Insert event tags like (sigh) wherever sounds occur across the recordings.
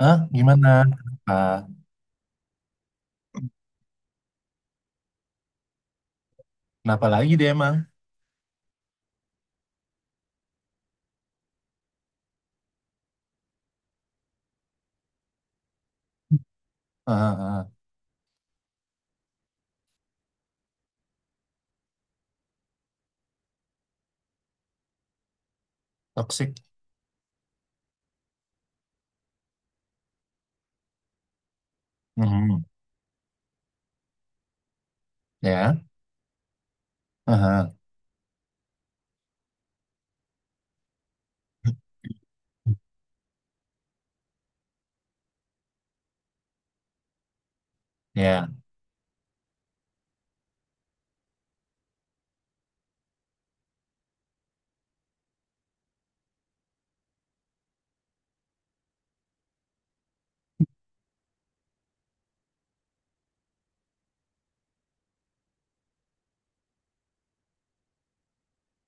Hah? Gimana? Kenapa? Kenapa lagi dia emang? Heeh, heeh. Toxic. Mhm. Ya. Heeh. Ya.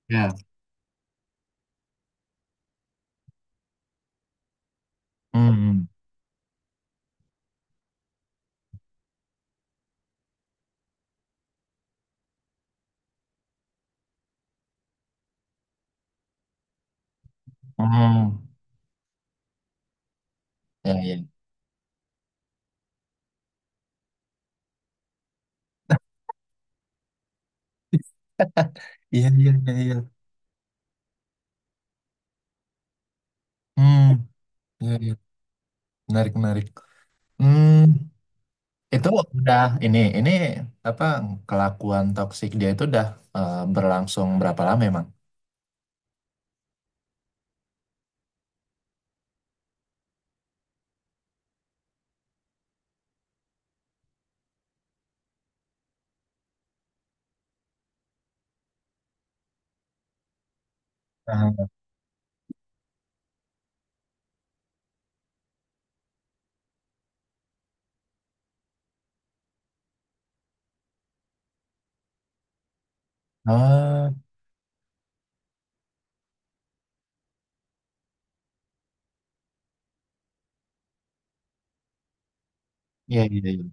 Ya, Hmm. Hmm. Ya, ya. (laughs) Iya, iya, iya, iya. Hmm. Iya, iya. Menarik, menarik. Hmm. Itu udah ini apa kelakuan toksik dia itu udah berlangsung berapa lama emang? Ah, Oh, iya, iya, iya.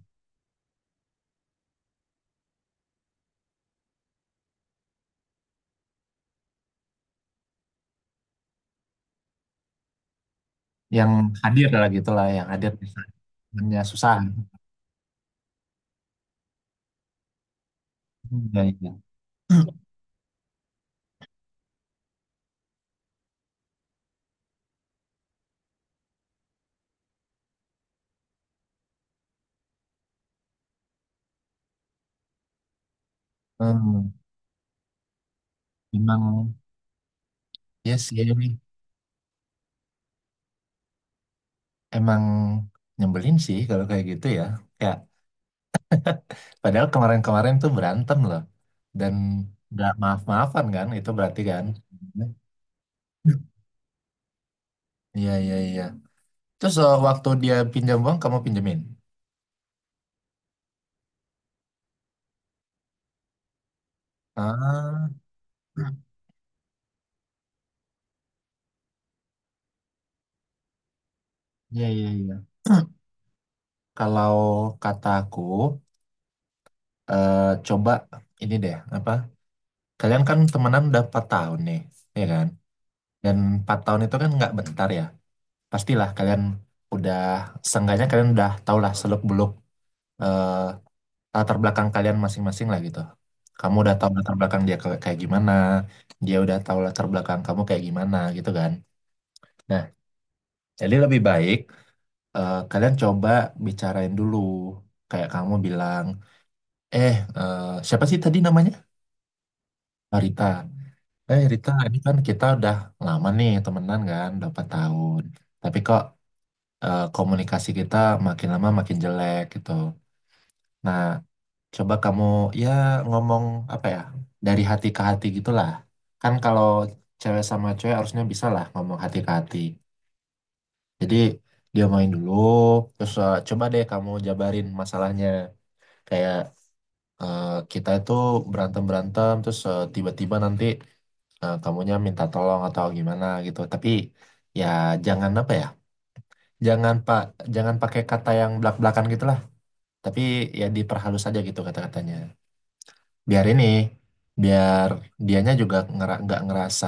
Yang hadir lah gitulah, yang hadir di saatnya susah. Hmm, Iya, iya. (clears throat) Hmm, emang ya sih emang nyebelin sih kalau kayak gitu ya. Ya, padahal kemarin-kemarin tuh berantem loh dan nggak maaf-maafan kan itu berarti kan. Iya, iya, iya. Terus waktu dia pinjam uang kamu pinjemin. Ah, iya, iya, iya. (clears throat) Kalau kataku eh, coba ini deh apa? Kalian kan temenan udah 4 tahun nih, ya kan? Dan 4 tahun itu kan nggak bentar ya. Pastilah kalian udah seenggaknya kalian udah tau lah seluk beluk latar belakang kalian masing-masing lah gitu. Kamu udah tahu latar belakang dia kayak kayak gimana, dia udah tahu latar belakang kamu kayak gimana gitu kan. Nah, jadi lebih baik kalian coba bicarain dulu. Kayak kamu bilang, eh eh, siapa sih tadi namanya? Oh, Rita. Eh Rita, ini kan kita udah lama nih temenan kan, udah 4 tahun. Tapi kok komunikasi kita makin lama makin jelek gitu. Nah, coba kamu ya ngomong apa ya dari hati ke hati gitulah. Kan kalau cewek sama cewek harusnya bisa lah ngomong hati ke hati. Jadi dia main dulu, terus coba deh kamu jabarin masalahnya. Kayak eh, kita itu berantem berantem, terus tiba-tiba nanti kamunya minta tolong atau gimana gitu. Tapi ya jangan apa ya, jangan pak, jangan pakai kata yang belak-belakan gitulah. Tapi ya diperhalus aja gitu kata-katanya. Biar ini biar dianya juga nggak ngerasa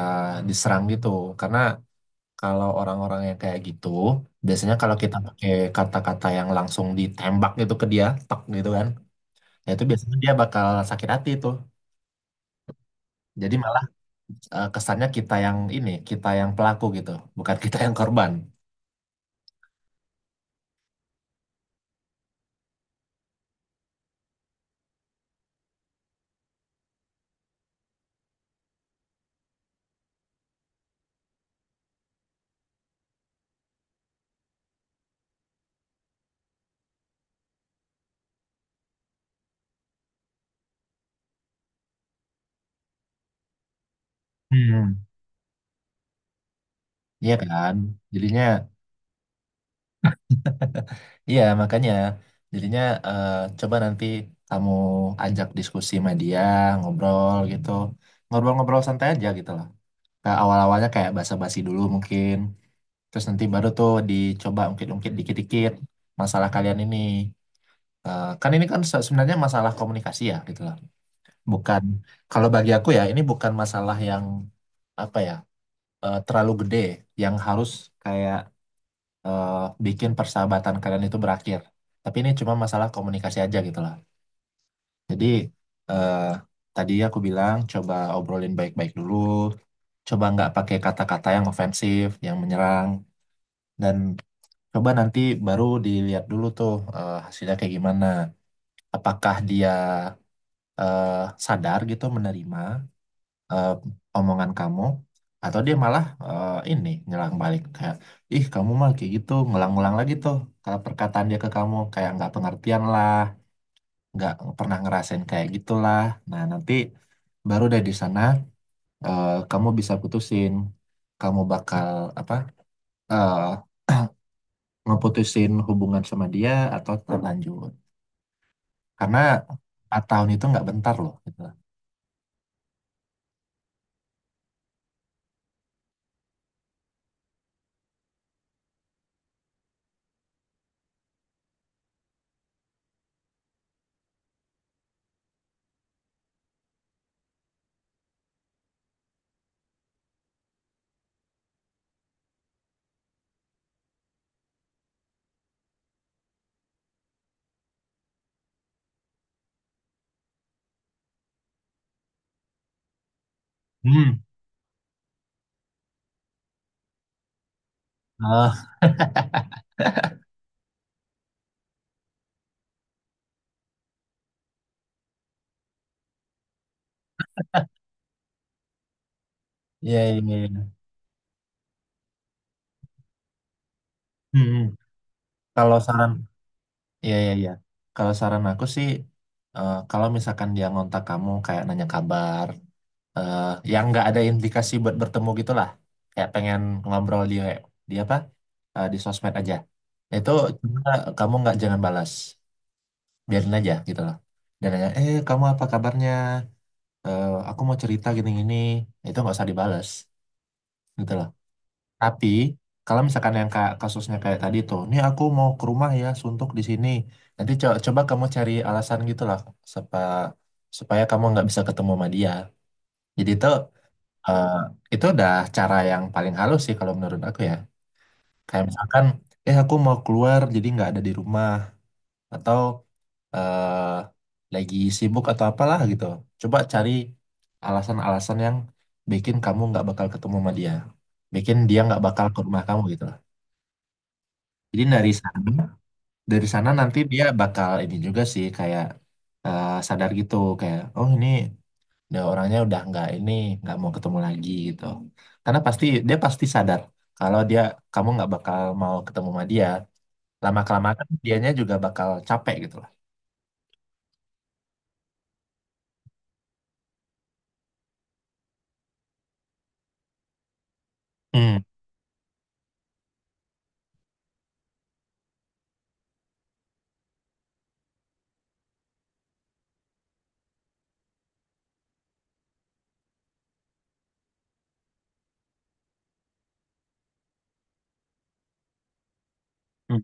diserang gitu karena kalau orang-orang yang kayak gitu biasanya kalau kita Hmm. pakai kata-kata yang langsung ditembak gitu ke dia tek gitu kan ya itu biasanya dia bakal sakit hati tuh jadi malah kesannya kita yang ini kita yang pelaku gitu bukan kita yang korban. Hmm. Iya kan jadinya (laughs) iya, makanya jadinya eh, coba nanti kamu ajak diskusi sama dia, ngobrol gitu. Ngobrol-ngobrol santai aja gitu loh. Kayak awal-awalnya kayak basa-basi dulu mungkin. Terus nanti baru tuh dicoba ungkit-ungkit dikit-dikit masalah kalian ini. Eh, kan ini kan sebenarnya masalah komunikasi ya gitu loh. Bukan, kalau bagi aku ya ini bukan masalah yang apa ya, terlalu gede yang harus kayak eh, bikin persahabatan kalian itu berakhir. Tapi ini cuma masalah komunikasi aja gitu lah. Jadi eh, tadi aku bilang coba obrolin baik-baik dulu, coba nggak pakai kata-kata yang ofensif, yang menyerang, dan coba nanti baru dilihat dulu tuh hasilnya kayak gimana. Apakah dia eh, sadar gitu menerima eh, omongan kamu atau dia malah ini nyelang balik kayak ih kamu mah kayak gitu ngulang-ngulang lagi tuh kalau perkataan dia ke kamu kayak nggak pengertian lah nggak pernah ngerasain kayak gitulah nah nanti baru dari di sana kamu bisa putusin kamu bakal apa eh, ngeputusin hubungan sama dia atau tetap lanjut karena 4 tahun itu nggak bentar loh gitu. Hmm. Eh, (laughs) iya, iya, iya. Hmm. Kalau saran iya, iya, iya. Kalau saran aku sih, kalau misalkan dia ngontak kamu kayak nanya kabar, eh, yang nggak ada implikasi buat bertemu gitulah, kayak pengen ngobrol dia, dia apa? Di sosmed aja. Itu coba kamu nggak jangan balas, biarin aja gitu loh. Dan nanya, eh kamu apa kabarnya? Eh, aku mau cerita gini-gini. Itu nggak usah dibalas, gitu loh. Tapi kalau misalkan yang kasusnya kayak tadi tuh, ini aku mau ke rumah ya, suntuk di sini. Nanti coba kamu cari alasan gitu lah, sepa, supaya kamu nggak bisa ketemu sama dia. Jadi itu eh, itu udah cara yang paling halus sih kalau menurut aku ya. Kayak misalkan, eh aku mau keluar jadi nggak ada di rumah atau eh lagi sibuk atau apalah gitu. Coba cari alasan-alasan yang bikin kamu nggak bakal ketemu sama dia, bikin dia nggak bakal ke rumah kamu gitu. Jadi dari sana nanti dia bakal ini juga sih kayak sadar gitu kayak oh ini udah orangnya udah nggak mau ketemu lagi gitu. Karena pasti dia pasti sadar kalau dia kamu nggak bakal mau ketemu sama dia. Lama kelamaan dianya juga bakal capek gitu lah. Hmm. Hmm.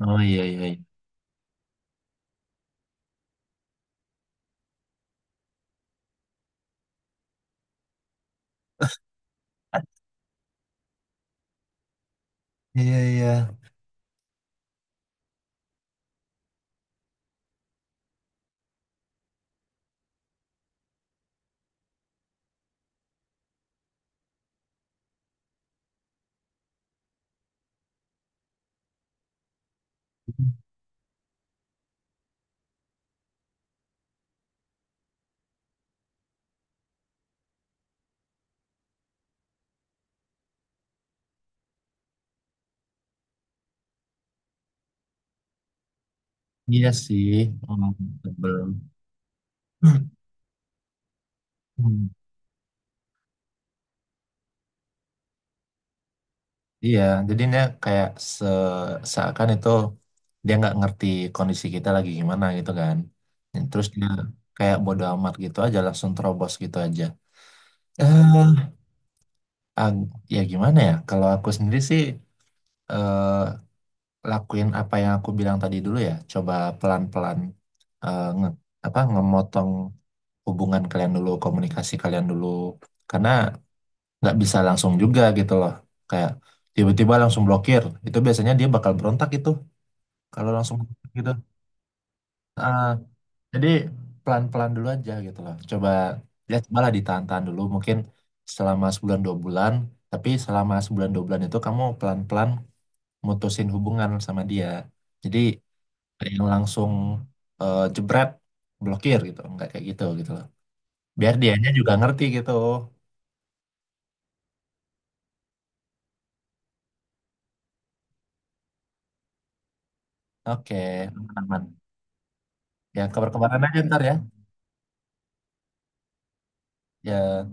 Oh iya, iya, iya. Iya, iya. Iya sih. Hmm, sebelum. (clears throat) Iya, jadi dia kayak se seakan itu dia nggak ngerti kondisi kita lagi gimana gitu kan. Dan terus dia kayak bodo amat gitu aja langsung terobos gitu aja. Eh, ya gimana ya? Kalau aku sendiri sih eh, lakuin apa yang aku bilang tadi dulu ya. Coba pelan-pelan eh, nge ngemotong hubungan kalian dulu, komunikasi kalian dulu. Karena nggak bisa langsung juga gitu loh. Kayak tiba-tiba langsung blokir. Itu biasanya dia bakal berontak itu. Kalau langsung gitu. Ah, jadi pelan-pelan dulu aja gitu loh. Coba ya malah ditahan-tahan dulu mungkin selama sebulan dua bulan. Tapi selama sebulan dua bulan itu kamu pelan-pelan mutusin hubungan sama dia. Jadi nggak yang langsung jebret blokir gitu. Nggak kayak gitu gitu loh. Biar dianya juga ngerti gitu. Oke, aman-aman. Ya kabar-kabaran aja ntar ya. Ya.